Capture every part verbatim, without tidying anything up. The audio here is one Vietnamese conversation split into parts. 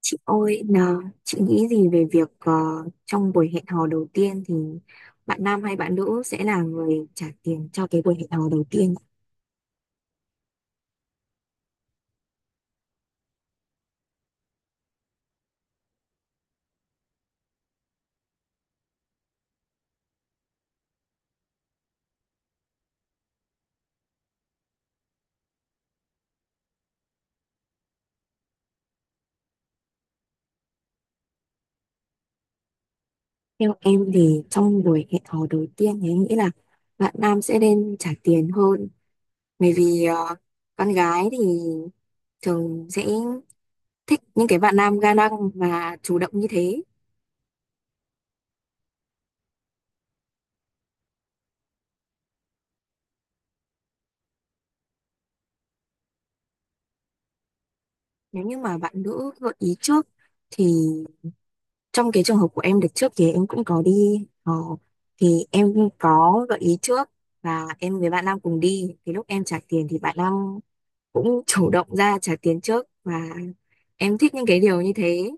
Chị ơi, nào, chị nghĩ gì về việc ờ, trong buổi hẹn hò đầu tiên thì bạn nam hay bạn nữ sẽ là người trả tiền cho cái buổi hẹn hò đầu tiên? Theo em thì trong buổi hẹn hò đầu tiên thì em nghĩ là bạn nam sẽ nên trả tiền hơn. Bởi vì ờ, con gái thì thường sẽ thích những cái bạn nam ga lăng và chủ động như thế. Nếu như mà bạn nữ gợi ý trước thì trong cái trường hợp của em đợt trước thì em cũng có đi ờ, thì em có gợi ý trước và em với bạn nam cùng đi thì lúc em trả tiền thì bạn nam cũng chủ động ra trả tiền trước, và em thích những cái điều như thế.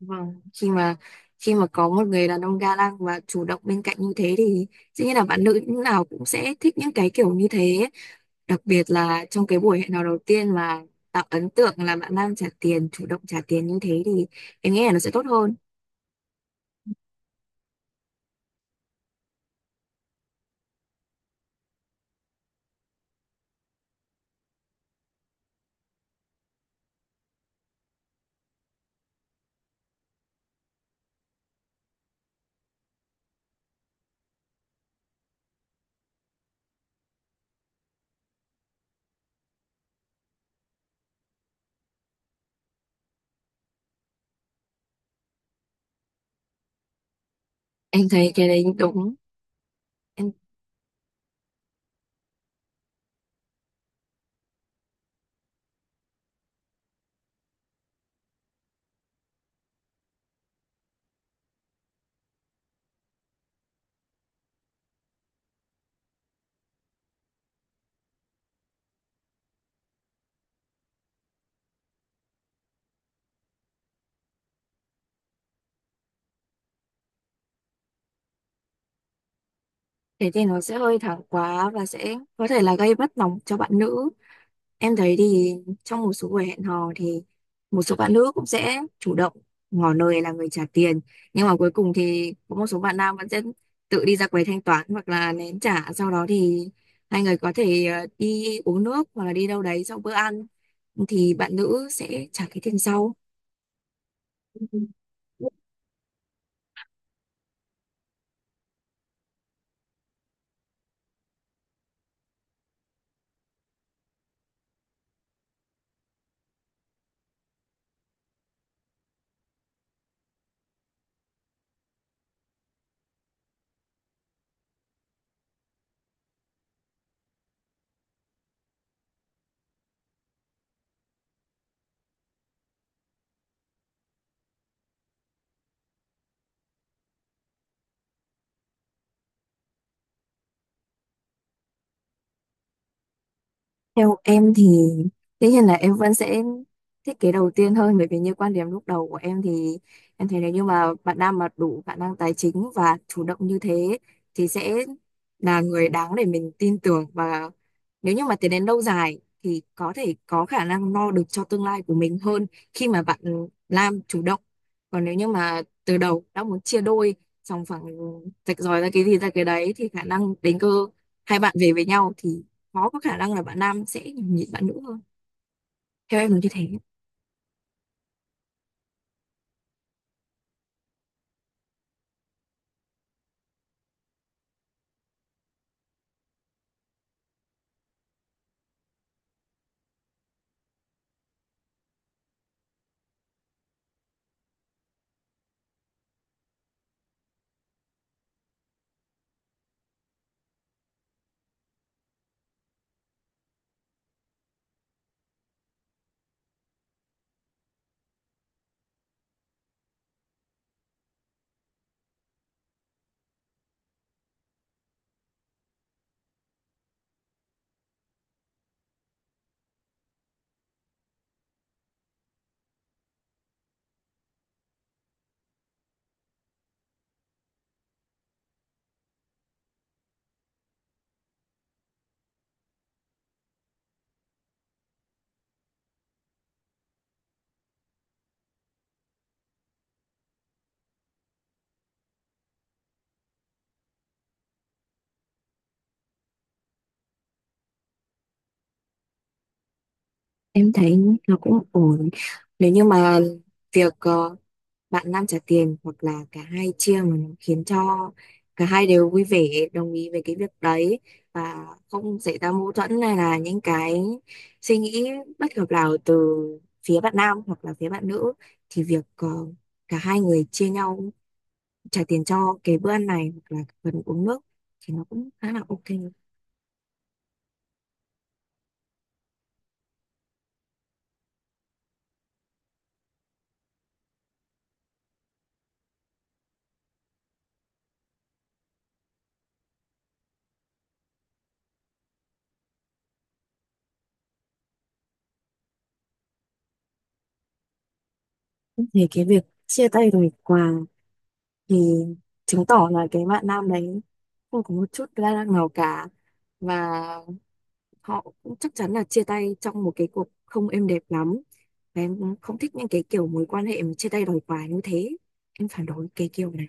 Vâng, khi mà khi mà có một người đàn ông ga lăng và chủ động bên cạnh như thế thì dĩ nhiên là bạn nữ lúc nào cũng sẽ thích những cái kiểu như thế, đặc biệt là trong cái buổi hẹn hò đầu tiên mà tạo ấn tượng là bạn nam trả tiền, chủ động trả tiền như thế, thì em nghĩ là nó sẽ tốt hơn. Em thấy cái đấy đúng. Em thế thì nó sẽ hơi thẳng quá và sẽ có thể là gây bất lòng cho bạn nữ. Em thấy thì trong một số buổi hẹn hò thì một số bạn nữ cũng sẽ chủ động ngỏ lời là người trả tiền, nhưng mà cuối cùng thì có một số bạn nam vẫn sẽ tự đi ra quầy thanh toán hoặc là nén trả sau, đó thì hai người có thể ờ, đi uống nước hoặc là đi đâu đấy sau bữa ăn thì bạn nữ sẽ trả cái tiền sau. Theo em thì tất nhiên là em vẫn sẽ thiết kế đầu tiên hơn, bởi vì như quan điểm lúc đầu của em thì em thấy nếu như mà bạn nam mà đủ khả năng tài chính và chủ động như thế thì sẽ là người đáng để mình tin tưởng, và nếu như mà tiến đến lâu dài thì có thể có khả năng lo được cho tương lai của mình hơn khi mà bạn nam chủ động. Còn nếu như mà từ đầu đã muốn chia đôi, xong phẳng, rạch ròi ra cái gì ra cái đấy, thì khả năng đến cơ hai bạn về với nhau thì khó có khả năng là bạn nam sẽ nhịn bạn nữ hơn. Theo em là như thế. Em thấy nó cũng ổn nếu như mà việc ờ, bạn nam trả tiền hoặc là cả hai chia mà nó khiến cho cả hai đều vui vẻ đồng ý về cái việc đấy và không xảy ra mâu thuẫn hay là những cái suy nghĩ bất hợp nào từ phía bạn nam hoặc là phía bạn nữ, thì việc ờ, cả hai người chia nhau trả tiền cho cái bữa ăn này hoặc là phần uống nước thì nó cũng khá là ok. Thì cái việc chia tay rồi quà thì chứng tỏ là cái bạn nam đấy không có một chút ga lăng nào cả, và họ cũng chắc chắn là chia tay trong một cái cuộc không êm đẹp lắm, và em không thích những cái kiểu mối quan hệ mà chia tay đòi quà như thế. Em phản đối cái kiểu này.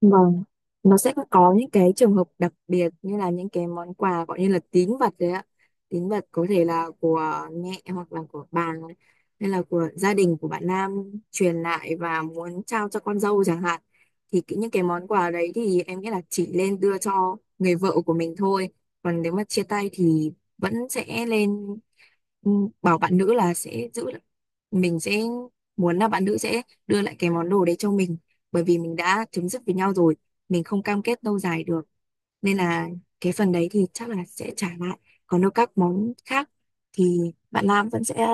Vâng, nó sẽ có những cái trường hợp đặc biệt như là những cái món quà gọi như là tín vật đấy ạ. Tín vật có thể là của mẹ hoặc là của bà hay là của gia đình của bạn Nam truyền lại và muốn trao cho con dâu chẳng hạn. Thì cái- những cái món quà đấy thì em nghĩ là chỉ lên đưa cho người vợ của mình thôi. Còn nếu mà chia tay thì vẫn sẽ lên, ừ, bảo bạn nữ là sẽ giữ, mình sẽ muốn là bạn nữ sẽ đưa lại cái món đồ đấy cho mình, bởi vì mình đã chấm dứt với nhau rồi, mình không cam kết lâu dài được, nên là cái phần đấy thì chắc là sẽ trả lại. Còn đâu các món khác thì bạn nam vẫn sẽ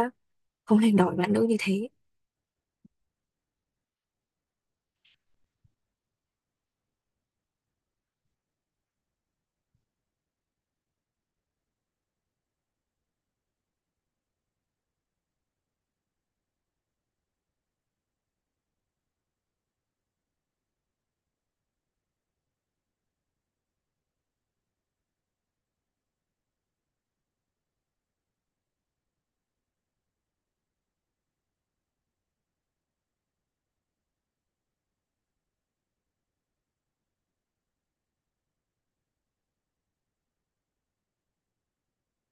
không hành đòi bạn nữ như thế.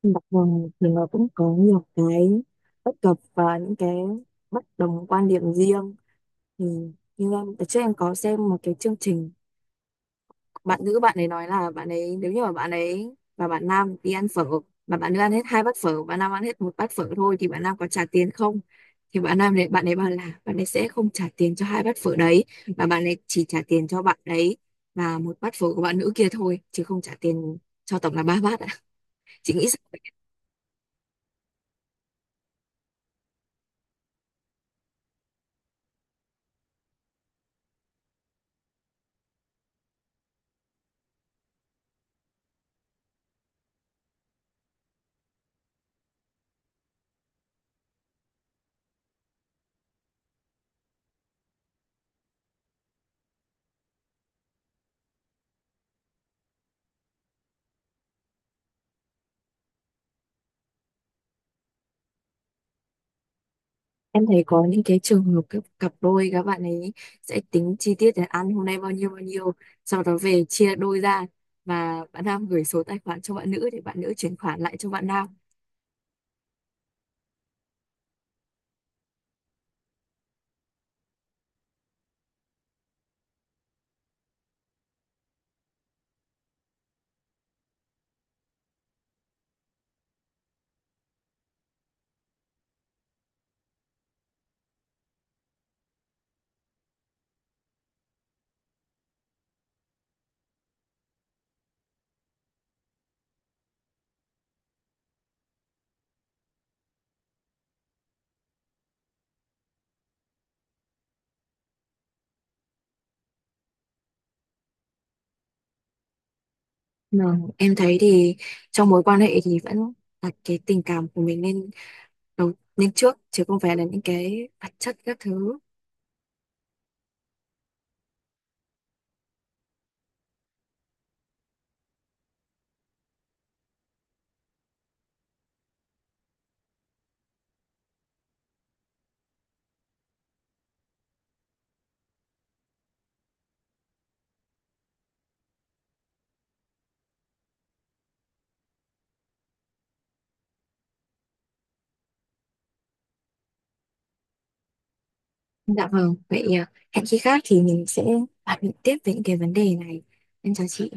Mặc dù thì nó cũng có nhiều cái bất cập và những cái bất đồng quan điểm riêng, thì như em trước em có xem một cái chương trình, bạn nữ bạn ấy nói là bạn ấy, nếu như mà bạn ấy và bạn nam đi ăn phở mà bạn nữ ăn hết hai bát phở, bạn nam ăn hết một bát phở thôi, thì bạn nam có trả tiền không? Thì bạn nam đấy bạn ấy bảo là bạn ấy sẽ không trả tiền cho hai bát phở đấy, mà bạn ấy chỉ trả tiền cho bạn đấy và một bát phở của bạn nữ kia thôi, chứ không trả tiền cho tổng là ba bát ạ. Chị nghĩ sao? Em thấy có những cái trường hợp các cặp đôi các bạn ấy sẽ tính chi tiết là ăn hôm nay bao nhiêu bao nhiêu, sau đó về chia đôi ra, và bạn nam gửi số tài khoản cho bạn nữ để bạn nữ chuyển khoản lại cho bạn nam. Mà em thấy thì trong mối quan hệ thì vẫn đặt cái tình cảm của mình lên đầu lên trước chứ không phải là những cái vật chất các thứ. Dạ vâng, vậy à, hẹn khi khác thì mình sẽ bàn luận tiếp về những cái vấn đề này. Em chào chị.